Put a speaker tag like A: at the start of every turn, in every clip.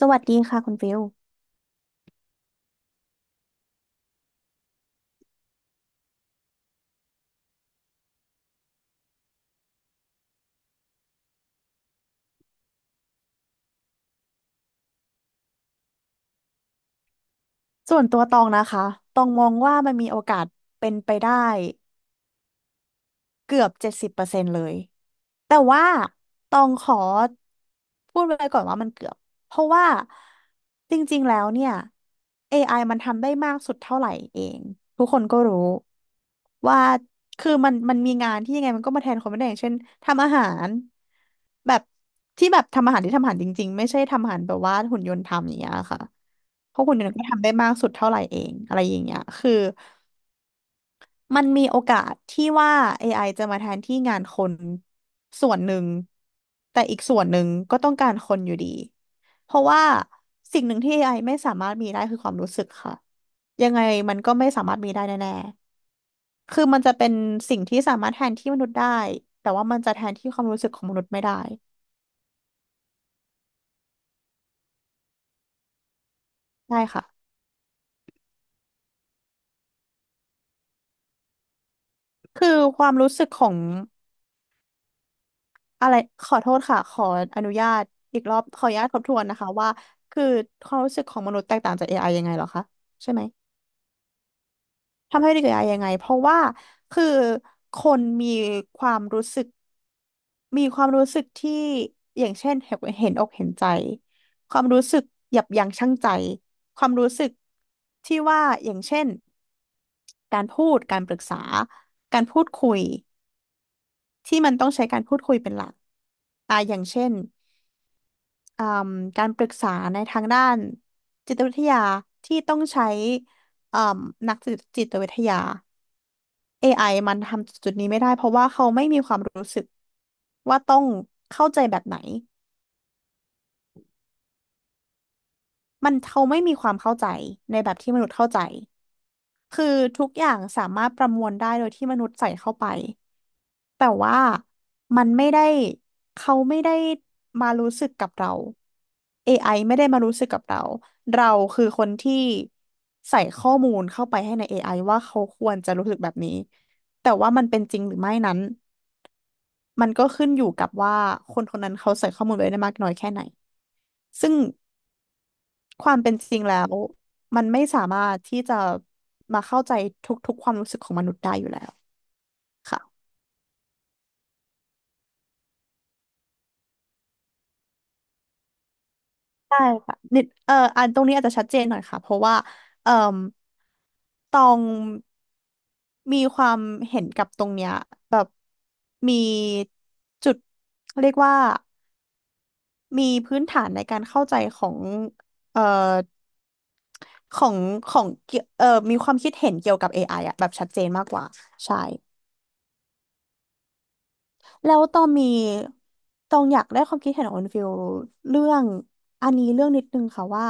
A: สวัสดีค่ะคุณฟิลส่วนตัวตองนะคะตองมองว่ามันมีโอกาสเป็นไปได้เกือบเจ็ดสิบเปอร์เซ็นต์เลยแต่ว่าตองขอพูดไว้ก่อนว่ามันเกือบเพราะว่าจริงๆแล้วเนี่ยเอไ i มันทำได้มากสุดเท่าไหร่เองทุกคนก็รู้ว่าคือมันมีงานที่ยังไงมันก็มาแทนคนไม่ได้อย่างเช่นทำอาหารแบบที่แบบทำอาหารที่ทำอาหารจริงๆไม่ใช่ทำอาหารแบบว่าหุ่นยนต์ทำอย่างเงี้ยค่ะ เพราะคุณเนี่ยก็ทำได้มากสุดเท่าไหร่เองอะไรอย่างเงี้ยคือมันมีโอกาสที่ว่า AI จะมาแทนที่งานคนส่วนหนึ่งแต่อีกส่วนหนึ่งก็ต้องการคนอยู่ดีเพราะว่าสิ่งหนึ่งที่ AI ไอไม่สามารถมีได้คือความรู้สึกค่ะยังไงมันก็ไม่สามารถมีได้แน่ๆคือมันจะเป็นสิ่งที่สามารถแทนที่มนุษย์ได้แต่ว่ามันจะแทนที่ความรู้สึกของมนุษย์ไม่ได้ได้ค่ะคือความรู้สึกของ อะไรขอโทษค่ะขออนุญาตอีกรอบขออนุญาตทบทวนนะคะว่าคือความรู้สึกของมนุษย์แตกต่างจาก AI ยังไงเหรอคะใช่ไหมทำให้เด็ก AI ยังไงเพราะว่าคือคนมีความรู้สึกมีความรู้สึกที่อย่างเช่นเห็นอกเห็นใจความรู้สึกยับยั้งชั่งใจความรู้สึกที่ว่าอย่างเช่นการพูดการปรึกษาการพูดคุยที่มันต้องใช้การพูดคุยเป็นหลักอย่างเช่น เอ่มการปรึกษาในทางด้านจิตวิทยาที่ต้องใช้เอ่มนักจิตวิทยา AI มันทำจุดนี้ไม่ได้เพราะว่าเขาไม่มีความรู้สึกว่าต้องเข้าใจแบบไหนมันเขาไม่มีความเข้าใจในแบบที่มนุษย์เข้าใจคือทุกอย่างสามารถประมวลได้โดยที่มนุษย์ใส่เข้าไป แต่ว่ามันไม่ได้เขาไม่ได้มารู้สึกกับเรา AI ไอไม่ได้มารู้สึกกับเราเราคือคนที่ใส่ข้อมูลเข้าไปให้ใน AI ว่าเขาควรจะรู้สึกแบบนี้แต่ว่ามันเป็นจริงหรือไม่นั้นมันก็ขึ้นอยู่กับว่าคนคนนั้นเขาใส่ข้อมูลไว้ได้มากน้อยแค่ไหนซึ่งความเป็นจริงแล้วมันไม่สามารถที่จะมาเข้าใจทุกๆความรู้สึกของมนุษย์ได้อยู่แล้วค่ะ ใช่ค่ะนิดอันตรงนี้อาจจะชัดเจนหน่อยค่ะเพราะว่าเอ่อตองมีความเห็นกับตรงเนี้ยแบบมีจุดเรียกว่ามีพื้นฐานในการเข้าใจของเอ่อของของเกี่ยวมีความคิดเห็นเกี่ยวกับ AI อไออะแบบชัดเจนมากกว่าใช่ แล้วตองมีตองอยากได้ความคิดเห็นของคุณฟิลเรื่องอันนี้เรื่องนิดนึงค่ะว่า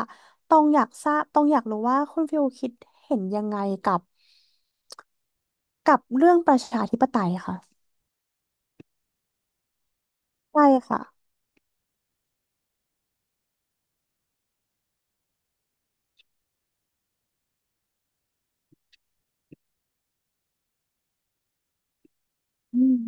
A: ตองอยากทราบตองอยากรู้ว่าคุณฟิลคิดเห็นยังไงกับเรื่องประชาธิปไตยค่ะใช่ค่ะอืม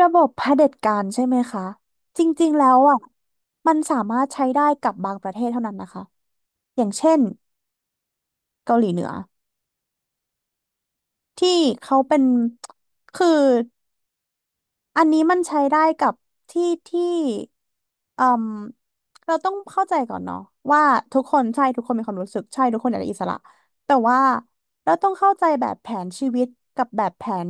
A: ระบบเผด็จการใช่ไหมคะจริงๆแล้วอ่ะมันสามารถใช้ได้กับบางประเทศเท่านั้นนะคะอย่างเช่นเกาหลีเหนือที่เขาเป็นคือ อันนี้มันใช้ได้กับที่เอ่มเราต้องเข้าใจก่อนเนาะว่าทุกคนใช่ทุกคนมีความรู้สึกใช่ทุกคนอยากได้อิสระแต่ว่าเราต้องเข้าใจแบบแผนชีวิตกับแบบแผน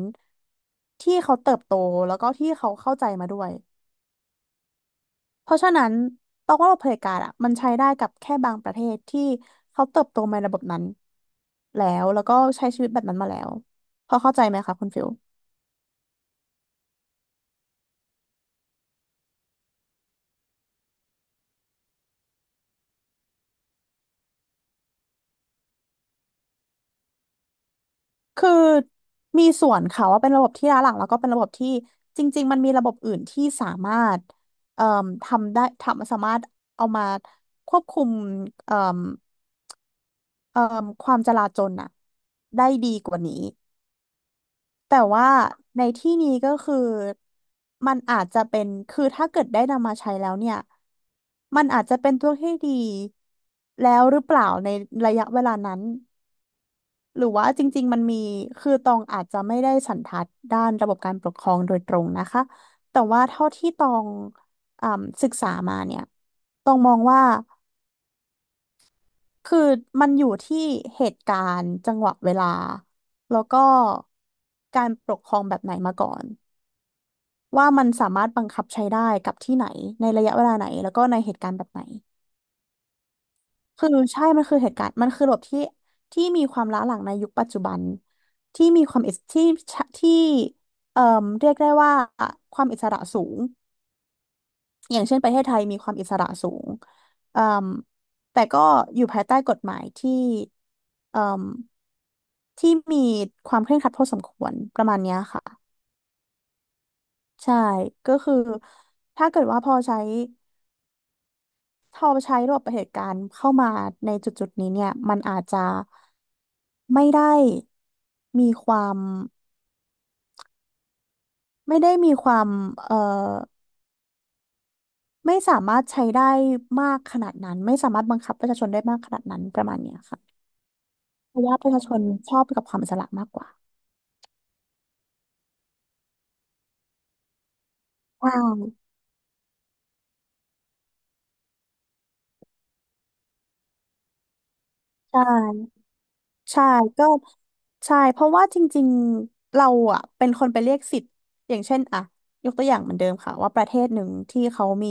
A: ที่เขาเติบโตแล้วก็ที่เขาเข้าใจมาด้วยเพราะฉะนั้นตองว่าระบบเผด็จการอ่ะมันใช้ได้กับแค่บางประเทศที่เขาเติบโตมาในระบบนั้นแล้วก็ใช้ชีวิตแบบนั้นมาแล้วพอเข้าใจไหมคะคุณฟิล คือมีส่วนค่ะว่าเป็นระบบที่ล้าหลังแล้วก็เป็นระบบที่จริงๆมันมีระบบอื่นที่สามารถเอ่มทำได้ทำสามารถเอามาควบคุมเอ่มเอ่มความจลาจลน่ะได้ดีกว่านี้แต่ว่าในที่นี้ก็คือมันอาจจะเป็นคือถ้าเกิดได้นำมาใช้แล้วเนี่ยมันอาจจะเป็นตัวที่ดีแล้วหรือเปล่าในระยะเวลานั้น หรือว่าจริงๆมันมีคือตองอาจจะไม่ได้สันทัดด้านระบบการปกครองโดยตรงนะคะ แต่ว่าเท่าที่ตองศึกษามาเนี่ยตองมองว่า คือมันอยู่ที่เหตุการณ์จังหวะเวลา แล้วก็การปกครองแบบไหนมาก่อน ว่ามันสามารถบังคับใช้ได้กับที่ไหนในระยะเวลาไหนแล้วก็ในเหตุการณ์แบบไหน คือใช่มันคือเหตุการณ์มันคือระบบที่มีความล้าหลังในยุคปัจจุบันที่มีความอิสที่ที่เอ่อเรียกได้ว่าความอิสระสูงอย่างเช่นประเทศไทยมีความอิสระสูงเอ่มแต่ก็อยู่ภายใต้กฎหมายที่เอ่มที่มีความเคร่งครัดพอสมควรประมาณเนี้ยค่ะใช่ก็คือถ้าเกิดว่าพอใช้ระบบเหตุการณ์เข้ามาในจุดจุดนี้เนี่ยมันอาจจะไม่ได้มีความไม่ได้มีความเอ่อไม่สามารถใช้ได้มากขนาดนั้นไม่สามารถบังคับประชาชนได้มากขนาดนั้นประมาณเนี้ยค่ะเพราะว่าประชาชนชอบกับความอิสระมากกว่าใช่ใช่ ใช่ก็ใช่เพราะว่าจริงๆเราอ่ะเป็นคนไปเรียกสิทธิ์อย่างเช่นอ่ะยกตัวอย่างเหมือนเดิมค่ะว่าประเทศหนึ่งที่เขามี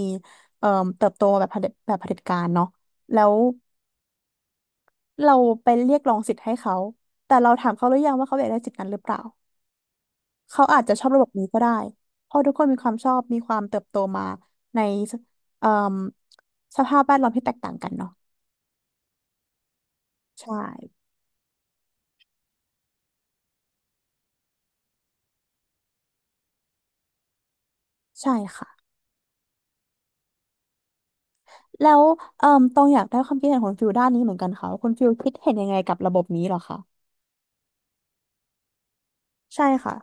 A: เอ่อเติบโตแบบเผด็จการเนาะแล้วเราไปเรียกร้องสิทธิ์ให้เขาแต่เราถามเขาหรือยังว่าเขาอยากได้สิทธิ์นั้นหรือเปล่าเขาอาจจะชอบระบบนี้ก็ได้เพราะทุกคนมีความชอบมีความเติบโตมาในเอ่อสภาพแวดล้อมที่แตกต่างกันเนาะใช่ใช่ค่ะ แล้วเอ่อตองอยากได้ความคิดเห็นของฟิลด้านนี้เหมือนกันค่ะว่าคุณฟิลคิดเห็นยังไงกับระบบนี้เหรอคะใช่ค่ะ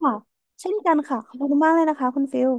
A: ค่ะเช่นกันค่ะขอบคุณมากเลยนะคะคุณฟิล